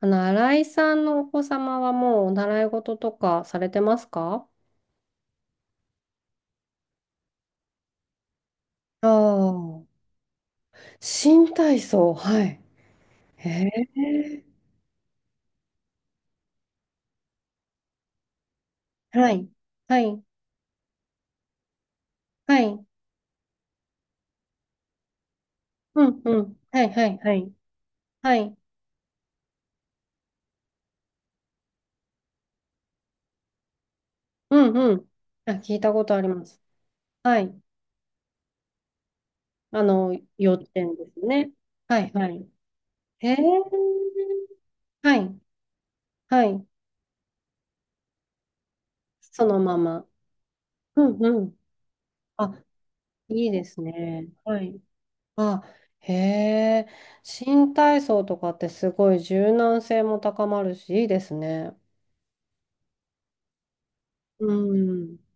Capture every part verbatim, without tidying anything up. あの、新井さんのお子様はもうお習い事とかされてますか？ああ、新体操、はい。へえ。はい。はい、はい、うん、うん、はい、はい、はい、はい、うん、うん。あ、聞いたことあります。はい。あの、幼稚園ですね。はい、はい。へえ。はい、はい。そのまま。うん、うん。あ、いいですね。はい。あ、へえ、新体操とかってすごい柔軟性も高まるし、いいですね。うん。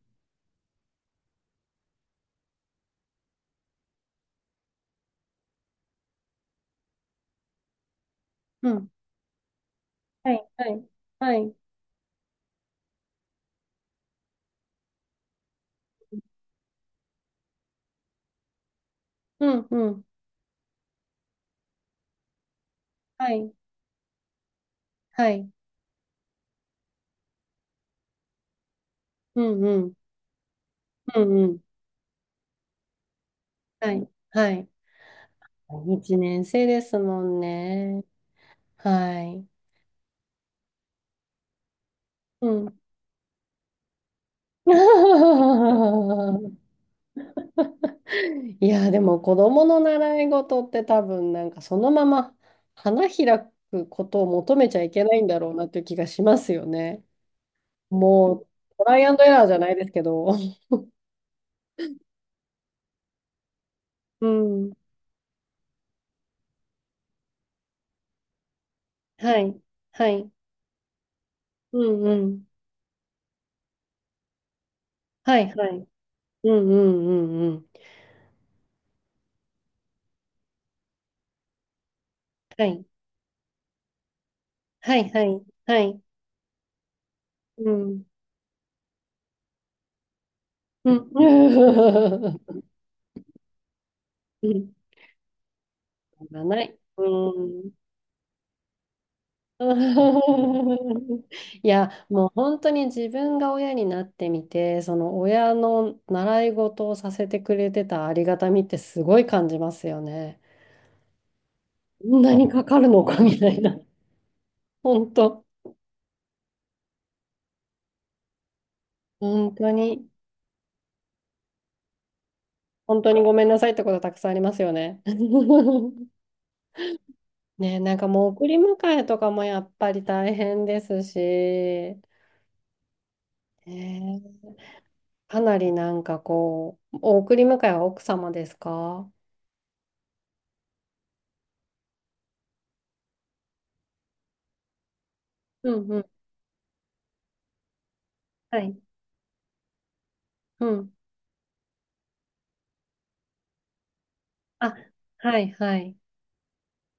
うん。はい、はい、はい。うん、うん。はい、はい。うん、うん。うん、うん。はい、はい。一年生ですもんね。はい。うん。いや、でも子供の習い事って多分なんかそのまま花開くことを求めちゃいけないんだろうなという気がしますよね。もう、トライアンドエラーじゃないですけど。うん。はい。はい。うんうん。はい、はい。うんうんうんうん。はい。はい、はい。はい。うん。うん。うん。がない。うん。いや、もう本当に自分が親になってみて、その親の習い事をさせてくれてたありがたみってすごい感じますよね。こんなにかかるのかみたいな。本当。本当に、本当にごめんなさいってことたくさんありますよね。ね、なんかもう送り迎えとかもやっぱり大変ですし、ね、かなりなんかこう、お送り迎えは奥様ですか？うんうん。はい。うん。あ、はいはい。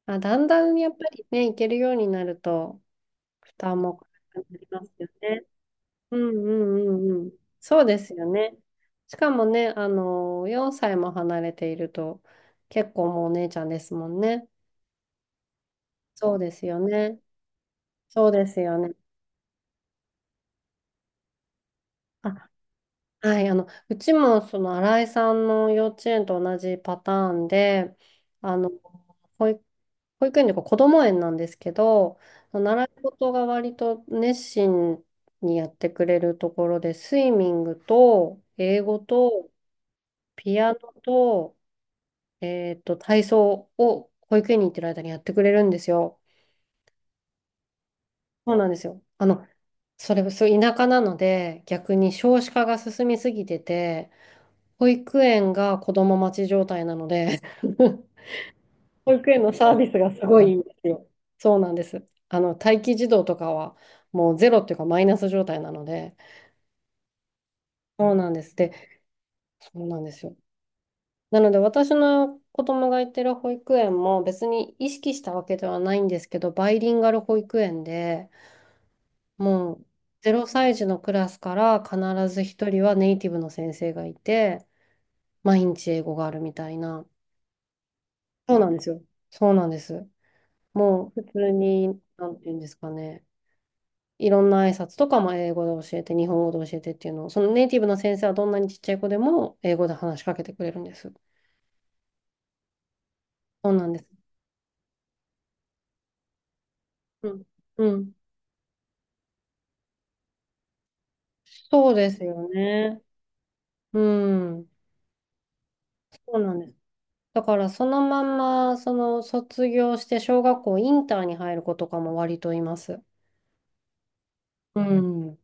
あ、だんだんやっぱりね、行けるようになると、負担も軽くなりますよね。うんうんうんうん。そうですよね。しかもね、あの、よんさいも離れていると、結構もうお姉ちゃんですもんね。そうですよね。そうですよね。あ、はい、あの、うちもその新井さんの幼稚園と同じパターンで、あの、保育、保育園というか子ども園なんですけど、習い事が割と熱心にやってくれるところで、スイミングと英語とピアノと、えっと、体操を保育園に行ってる間にやってくれるんですよ。そうなんですよ。あの、それ、そう、田舎なので、逆に少子化が進みすぎてて、保育園が子供待ち状態なので、保育園のサービスがすごいいいんですよ。そうなんです。あの、待機児童とかは、もうゼロっていうかマイナス状態なので、そうなんです。で、そうなんですよ。なので、私の子供が行ってる保育園も別に意識したわけではないんですけど、バイリンガル保育園で、もうゼロ歳児のクラスから必ず一人はネイティブの先生がいて、毎日英語があるみたいな。そうなんですよ。そうなんです。もう普通に、なんていうんですかね。いろんな挨拶とかも英語で教えて、日本語で教えてっていうのを、そのネイティブの先生はどんなにちっちゃい子でも英語で話しかけてくれるんです。そうなんです。うん。うん。そうですよね。うん。そうなんです。だからそのまんま、その卒業して小学校インターに入る子とかも割といます。うん。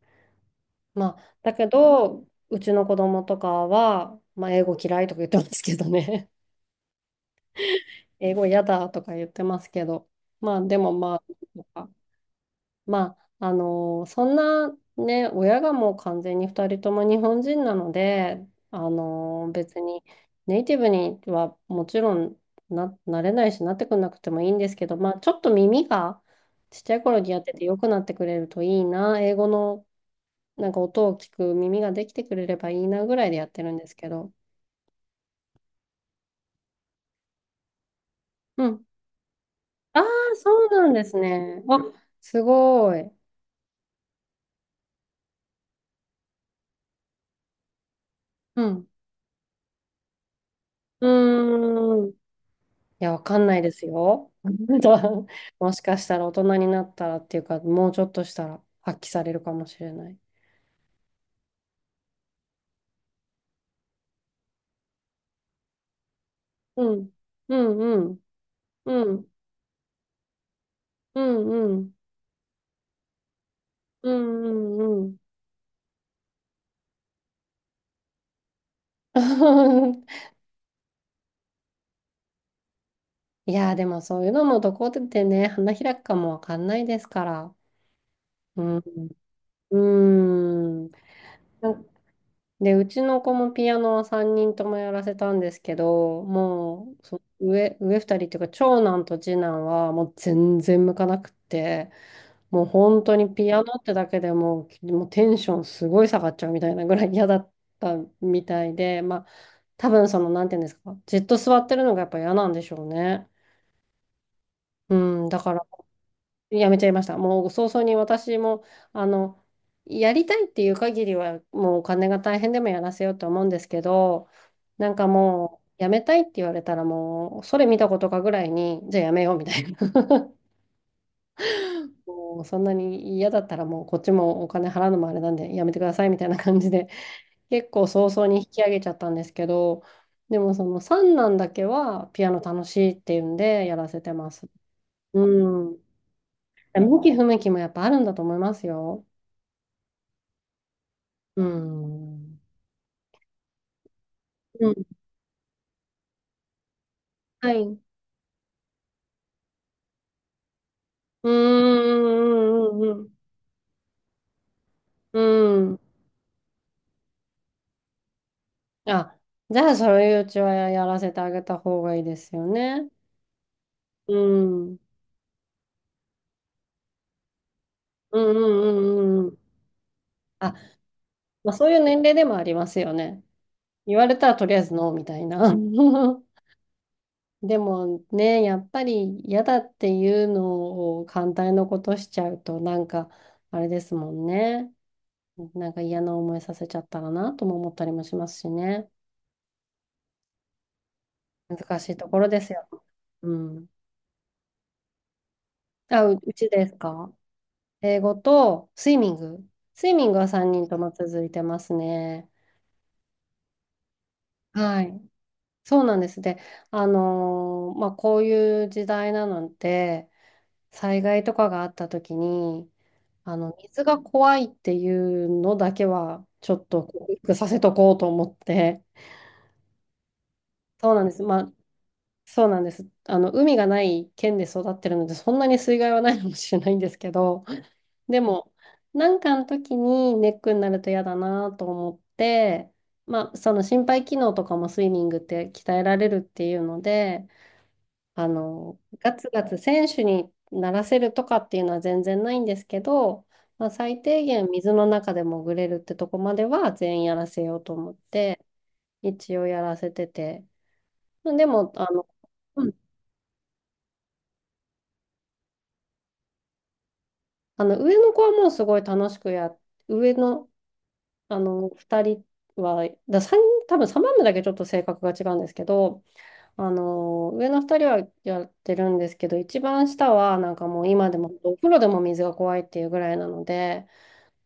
まあ、だけど、うちの子供とかは、まあ、英語嫌いとか言ってますけどね。英語嫌だとか言ってますけど。まあ、でもまあ、まあ、あのそんなね、親がもう完全にふたりとも日本人なので、あの別にネイティブにはもちろんな、なれないし、なってくなくてもいいんですけど、まあ、ちょっと耳がちっちゃい頃にやってて良くなってくれるといいな、英語のなんか音を聞く耳ができてくれればいいなぐらいでやってるんですけど。うん。ああ、そうなんですね。あ、すごい。うん。うーん。いや、わかんないですよ。もしかしたら大人になったらっていうか、もうちょっとしたら発揮されるかもしれない。うん。うんうん。うん。うんうん。うんうんうん。いやー、でもそういうのもどこでね、花開くかもわかんないですから。うん。うん。なんで、うちの子もピアノはさんにんともやらせたんですけど、もう、そ上、上ふたりっていうか、長男と次男はもう全然向かなくって、もう本当にピアノってだけでもう、もうテンションすごい下がっちゃうみたいなぐらい嫌だったみたいで、まあ、多分その、なんていうんですか、じっと座ってるのがやっぱ嫌なんでしょうね。うん、だからやめちゃいました。もう早々に私も、あの、やりたいっていう限りは、もうお金が大変でもやらせようと思うんですけど、なんかもう、やめたいって言われたらもう、それ見たことかぐらいに、じゃあやめようみたいな。もうそんなに嫌だったらもうこっちもお金払うのもあれなんでやめてくださいみたいな感じで結構早々に引き上げちゃったんですけど、でもその三男だけはピアノ楽しいっていうんでやらせてます。うん。向き不向きもやっぱあるんだと思いますよ。うん。うん、はい。うーん、うん、うん、うん。あ、じゃあ、そういううちはやらせてあげた方がいいですよね。うん、うん、うん、うんうん。あ、まあ、そういう年齢でもありますよね。言われたらとりあえずノーみたいな。でもね、やっぱり嫌だっていうのを反対のことしちゃうと、なんか、あれですもんね。なんか嫌な思いさせちゃったらなとも思ったりもしますしね。難しいところですよ。うん。あ、う、うちですか？英語とスイミング。スイミングはさんにんとも続いてますね。はい。そうなんです。で、あのーまあ、こういう時代なので、災害とかがあった時に、あの、水が怖いっていうのだけは、ちょっと克服させとこうと思って。そうなんです。まあ、そうなんです。あの、海がない県で育ってるので、そんなに水害はないかもしれないんですけど、でも、なんかの時にネックになると嫌だなと思って、まあ、その心肺機能とかもスイミングって鍛えられるっていうので、あの、ガツガツ選手にならせるとかっていうのは全然ないんですけど、まあ、最低限水の中で潜れるってとこまでは全員やらせようと思って、一応やらせてて。でも、あの、うんあの上の子はもうすごい楽しくや上のあの、二人は、だ三んにん多分サ番目だけちょっと性格が違うんですけど、あの、上の二人はやってるんですけど、一番下はなんかもう今でもお風呂でも水が怖いっていうぐらいなので、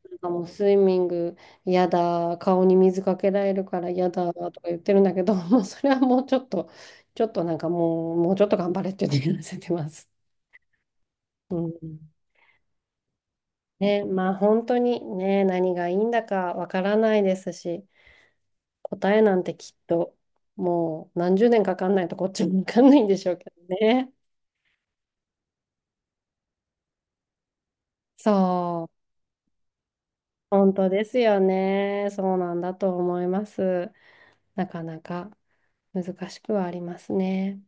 なんかもうスイミング嫌だ、顔に水かけられるから嫌だとか言ってるんだけど、もうそれはもうちょっと、ちょっとなんかもう、もうちょっと頑張れって言ってわせてます。うん。ね、まあ本当にね、何がいいんだかわからないですし。答えなんてきっともう何十年かかんないとこっちもわかんないんでしょうけどね。そう、本当ですよね。そうなんだと思います。なかなか難しくはありますね。